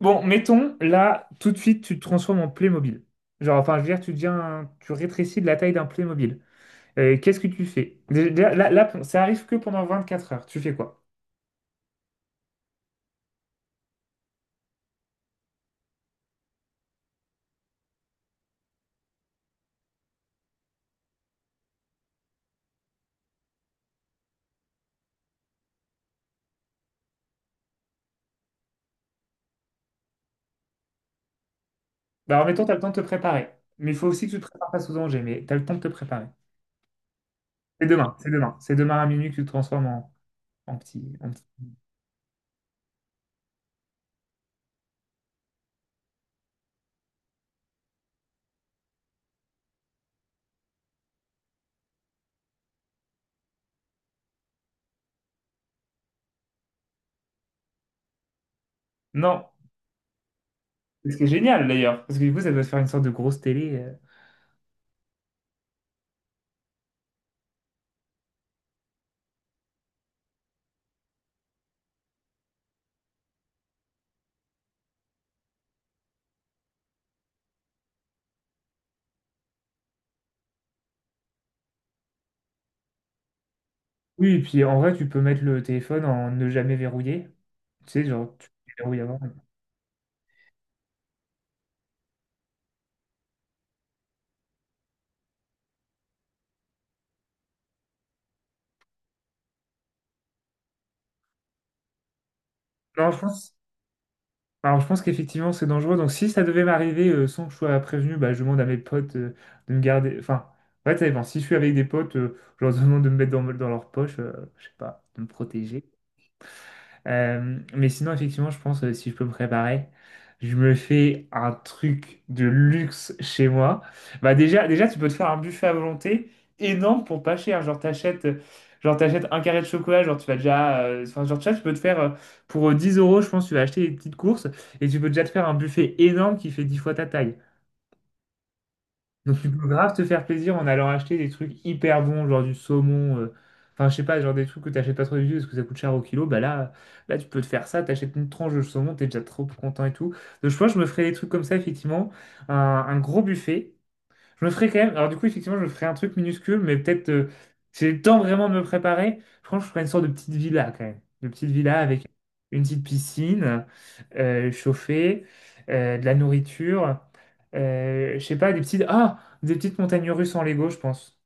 Bon, mettons, là, tout de suite, tu te transformes en Playmobil. Genre, enfin, je veux dire, tu deviens, tu rétrécis de la taille d'un Playmobil. Qu'est-ce que tu fais? Déjà, là, ça arrive que pendant 24 heures. Tu fais quoi? Bah, alors, mettons, tu as le temps de te préparer. Mais il faut aussi que tu te prépares face au danger. Mais tu as le temps de te préparer. C'est demain. C'est demain à minuit que tu te transformes en, en petit. Non. Ce qui est génial d'ailleurs, parce que du coup, ça doit se faire une sorte de grosse télé. Oui, et puis en vrai, tu peux mettre le téléphone en ne jamais verrouiller. Tu sais, genre, tu déverrouilles avant. Non, je pense. Alors, je pense qu'effectivement, c'est dangereux. Donc, si ça devait m'arriver sans que je sois prévenu, bah, je demande à mes potes de me garder. Enfin, en fait, ça dépend. Si je suis avec des potes, je leur demande de me mettre dans leur poche, je sais pas, de me protéger. Mais sinon, effectivement, je pense, si je peux me préparer, je me fais un truc de luxe chez moi. Bah déjà, tu peux te faire un buffet à volonté énorme pour pas cher. Genre, t'achètes un carré de chocolat, genre, tu vas déjà Enfin, genre, tu vois, tu peux te faire pour 10 euros, je pense, tu vas acheter des petites courses et tu peux déjà te faire un buffet énorme qui fait 10 fois ta taille. Donc tu peux grave te faire plaisir en allant acheter des trucs hyper bons, genre du saumon, enfin je sais pas, genre des trucs que t'achètes pas trop du tout parce que ça coûte cher au kilo, bah là tu peux te faire ça, t'achètes une tranche de saumon, t'es déjà trop content et tout. Donc je pense que je me ferais des trucs comme ça, effectivement, un gros buffet. Je me ferai quand même. Alors, du coup, effectivement, je me ferai un truc minuscule, mais peut-être, si j'ai le temps vraiment de me préparer, je pense que je ferai une sorte de petite villa quand même. Une petite villa avec une petite piscine, chauffée, de la nourriture. Je sais pas, des petites. Ah! Des petites montagnes russes en Lego, je pense.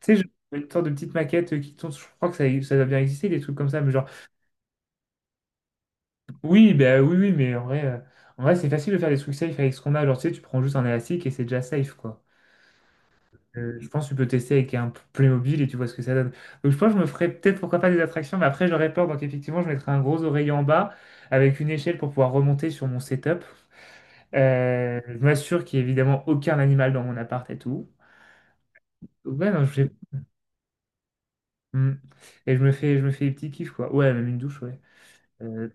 Tu sais, une sorte de petite maquette qui tourne. Je crois que ça doit bien exister, des trucs comme ça. Mais genre, oui, bah oui, mais en vrai, c'est facile de faire des trucs safe avec ce qu'on a. Genre, tu sais, tu prends juste un élastique et c'est déjà safe, quoi. Je pense que tu peux tester avec un Playmobil et tu vois ce que ça donne. Donc je pense que je me ferais peut-être pourquoi pas des attractions, mais après j'aurais peur. Donc effectivement, je mettrais un gros oreiller en bas avec une échelle pour pouvoir remonter sur mon setup. Je m'assure qu'il n'y ait évidemment aucun animal dans mon appart et tout. Ouais, non, Hmm. Et je me fais des petits kiffs, quoi. Ouais, même une douche, ouais. Euh,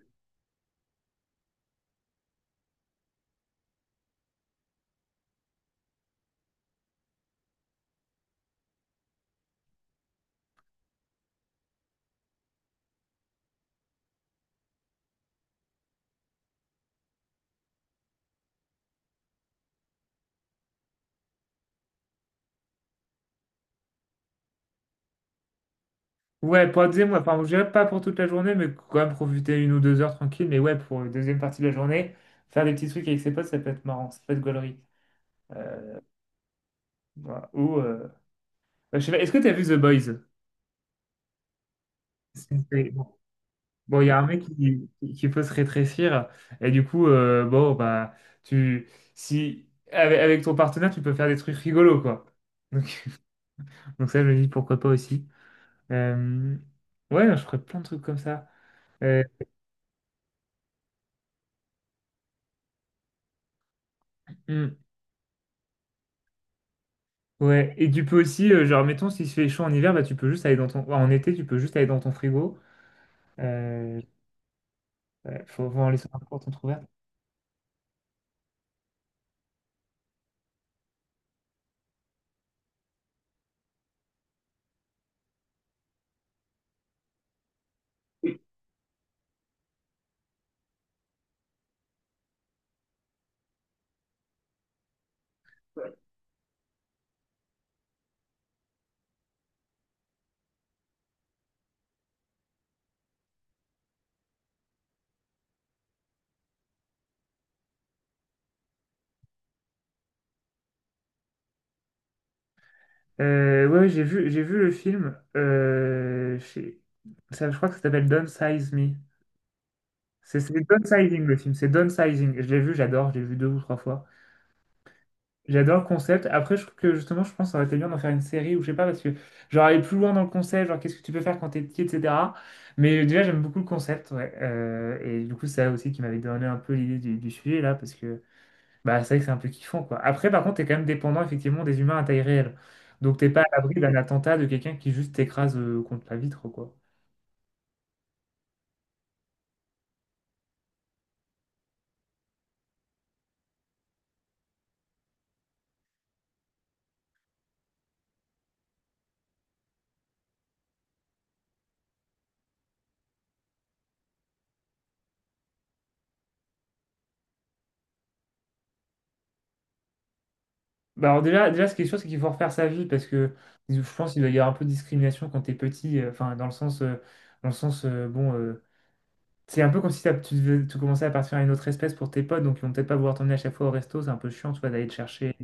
Ouais, pour la deuxième, ouais, enfin, je dirais pas pour toute la journée, mais quand même profiter une ou deux heures tranquille. Mais ouais, pour la deuxième partie de la journée, faire des petits trucs avec ses potes, ça peut être marrant, ça peut être gaulerie. Euh, voilà. Ou, je sais pas, est-ce que t'as vu The Boys? Bon, il y a un mec qui peut se rétrécir et du coup, bon, bah, tu, si, avec, avec ton partenaire, tu peux faire des trucs rigolos, quoi. Donc, donc ça, je me dis pourquoi pas aussi. Euh, ouais, je ferais plein de trucs comme ça. Euh, hmm, ouais, et tu peux aussi, genre, mettons, s'il se fait chaud en hiver, bah, tu peux juste aller dans ton, enfin, en été, tu peux juste aller dans ton frigo. Euh, ouais, faut en laisser un porte entrouverte. Ouais, j'ai vu le film. Ça, je crois que ça s'appelle downsize Me. C'est Downsizing le film, c'est Downsizing. Je l'ai vu, j'adore, je l'ai vu 2 ou 3 fois. J'adore le concept. Après, je trouve que justement, je pense que ça aurait été bien d'en faire une série ou je sais pas, parce que genre aller plus loin dans le concept, genre qu'est-ce que tu peux faire quand t'es petit, etc. Mais déjà, j'aime beaucoup le concept, ouais. Et du coup, c'est ça aussi qui m'avait donné un peu l'idée du sujet là, parce que bah, c'est vrai que c'est un peu kiffant, quoi. Après, par contre, t'es quand même dépendant, effectivement, des humains à taille réelle. Donc, t'es pas à l'abri d'un attentat de quelqu'un qui juste t'écrase contre la vitre, quoi. Bah, alors, déjà, ce qui est sûr, c'est qu'il faut refaire sa vie parce que je pense qu'il doit y avoir un peu de discrimination quand t'es petit. Enfin, dans le sens c'est un peu comme si tu commençais à partir à une autre espèce pour tes potes, donc ils vont peut-être pas vouloir t'emmener à chaque fois au resto. C'est un peu chiant, tu vois, d'aller te chercher.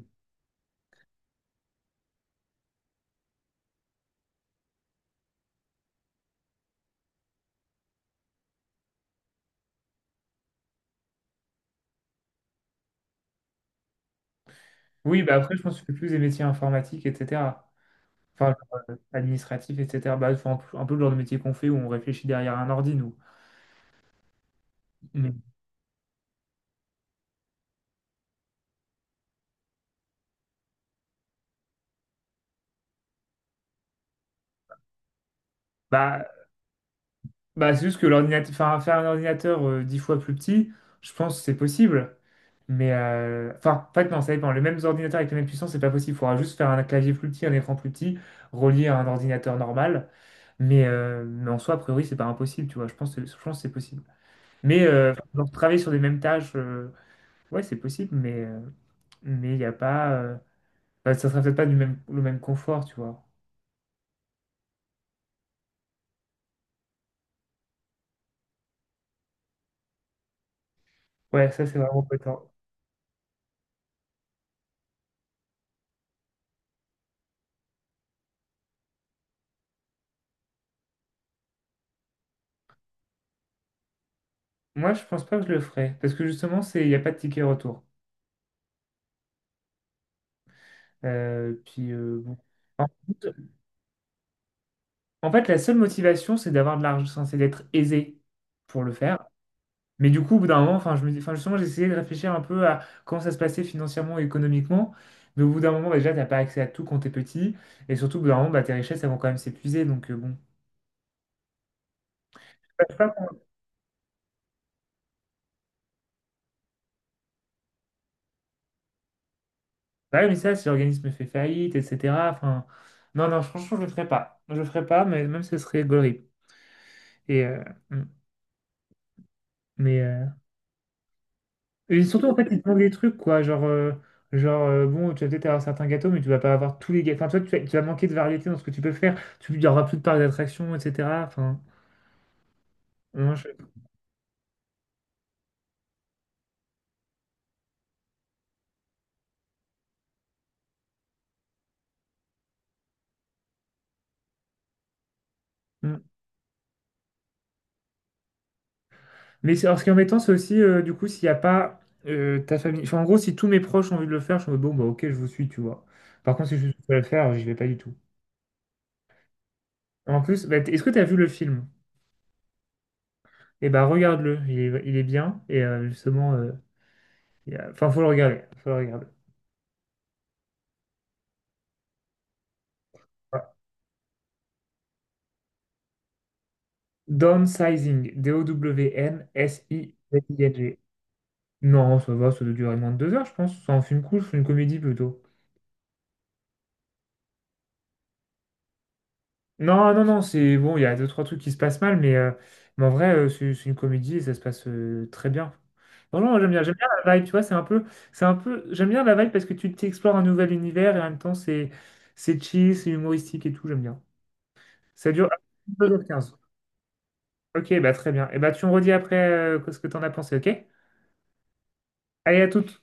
Oui, bah, après, je pense que tu fais plus des métiers informatiques, etc. Enfin, administratif, etc. Bah, c'est un peu le genre de métier qu'on fait où on réfléchit derrière un ordi, nous. Mais, bah, bah, c'est juste que l'ordinateur, enfin, faire un ordinateur dix fois plus petit, je pense que c'est possible. Enfin, en fait, non, ça dépend. Les mêmes ordinateurs avec la même puissance c'est pas possible. Il faudra juste faire un clavier plus petit, un écran plus petit, relié à un ordinateur normal. Mais en soi, a priori, c'est pas impossible, tu vois. Je pense que c'est possible. Mais genre, travailler sur les mêmes tâches, ouais, c'est possible, mais il n'y a pas. Bah, ça sera peut-être pas du même, le même confort, tu vois. Ouais, ça, c'est vraiment pétant. Moi, je pense pas que je le ferais, parce que justement, c'est, il n'y a pas de ticket retour. Puis, bon. En fait, En fait, la seule motivation, c'est d'avoir de l'argent, enfin, c'est d'être aisé pour le faire. Mais du coup, au bout d'un moment, enfin, je me dis, enfin, justement, j'ai essayé de réfléchir un peu à comment ça se passait financièrement et économiquement. Mais au bout d'un moment, bah, déjà, t'as pas accès à tout quand t'es petit. Et surtout, au bout d'un moment, bah, tes richesses, elles vont quand même s'épuiser. Donc, bon. Ouais, mais ça, si l'organisme fait faillite, etc. Enfin, non, non, franchement, je le ferai pas. Je le ferai pas, mais même ce serait gaulerie. Et, euh, mm, mais, euh, et surtout, en fait, ils te demandent des trucs, quoi. Genre bon, tu vas peut-être avoir certains gâteaux, mais tu vas pas avoir tous les gâteaux. Enfin, toi, tu vas manquer de variété dans ce que tu peux faire. Il y aura plus de parcs d'attractions, etc. Enfin, moi, je- mm. Mais alors, ce qui est embêtant, c'est aussi, du coup, s'il n'y a pas ta famille. Enfin, en gros, si tous mes proches ont envie de le faire, je suis en mode, bon, bah, ok, je vous suis, tu vois. Par contre, si je suis seul à le faire, j'y vais pas du tout. En plus, bah, est-ce que tu as vu le film? Et ben, regarde-le, il est bien. Et justement, il y a- Enfin, faut le regarder. Faut le regarder. Voilà. Downsizing, Downsizing. Non, ça va, ça doit durer moins de 2 heures, je pense. C'est un film cool, c'est une comédie plutôt. Non, non, non, c'est bon, il y a deux, trois trucs qui se passent mal, mais en vrai, c'est une comédie et ça se passe très bien. Non, non, j'aime bien la vibe, tu vois, c'est un peu, j'aime bien la vibe parce que tu t'explores un nouvel univers et en même temps, c'est chill, c'est humoristique et tout, j'aime bien. Ça dure 2 h 15. Ok, bah très bien. Et bah tu me redis après ce que t'en as pensé, ok? Allez, à toutes.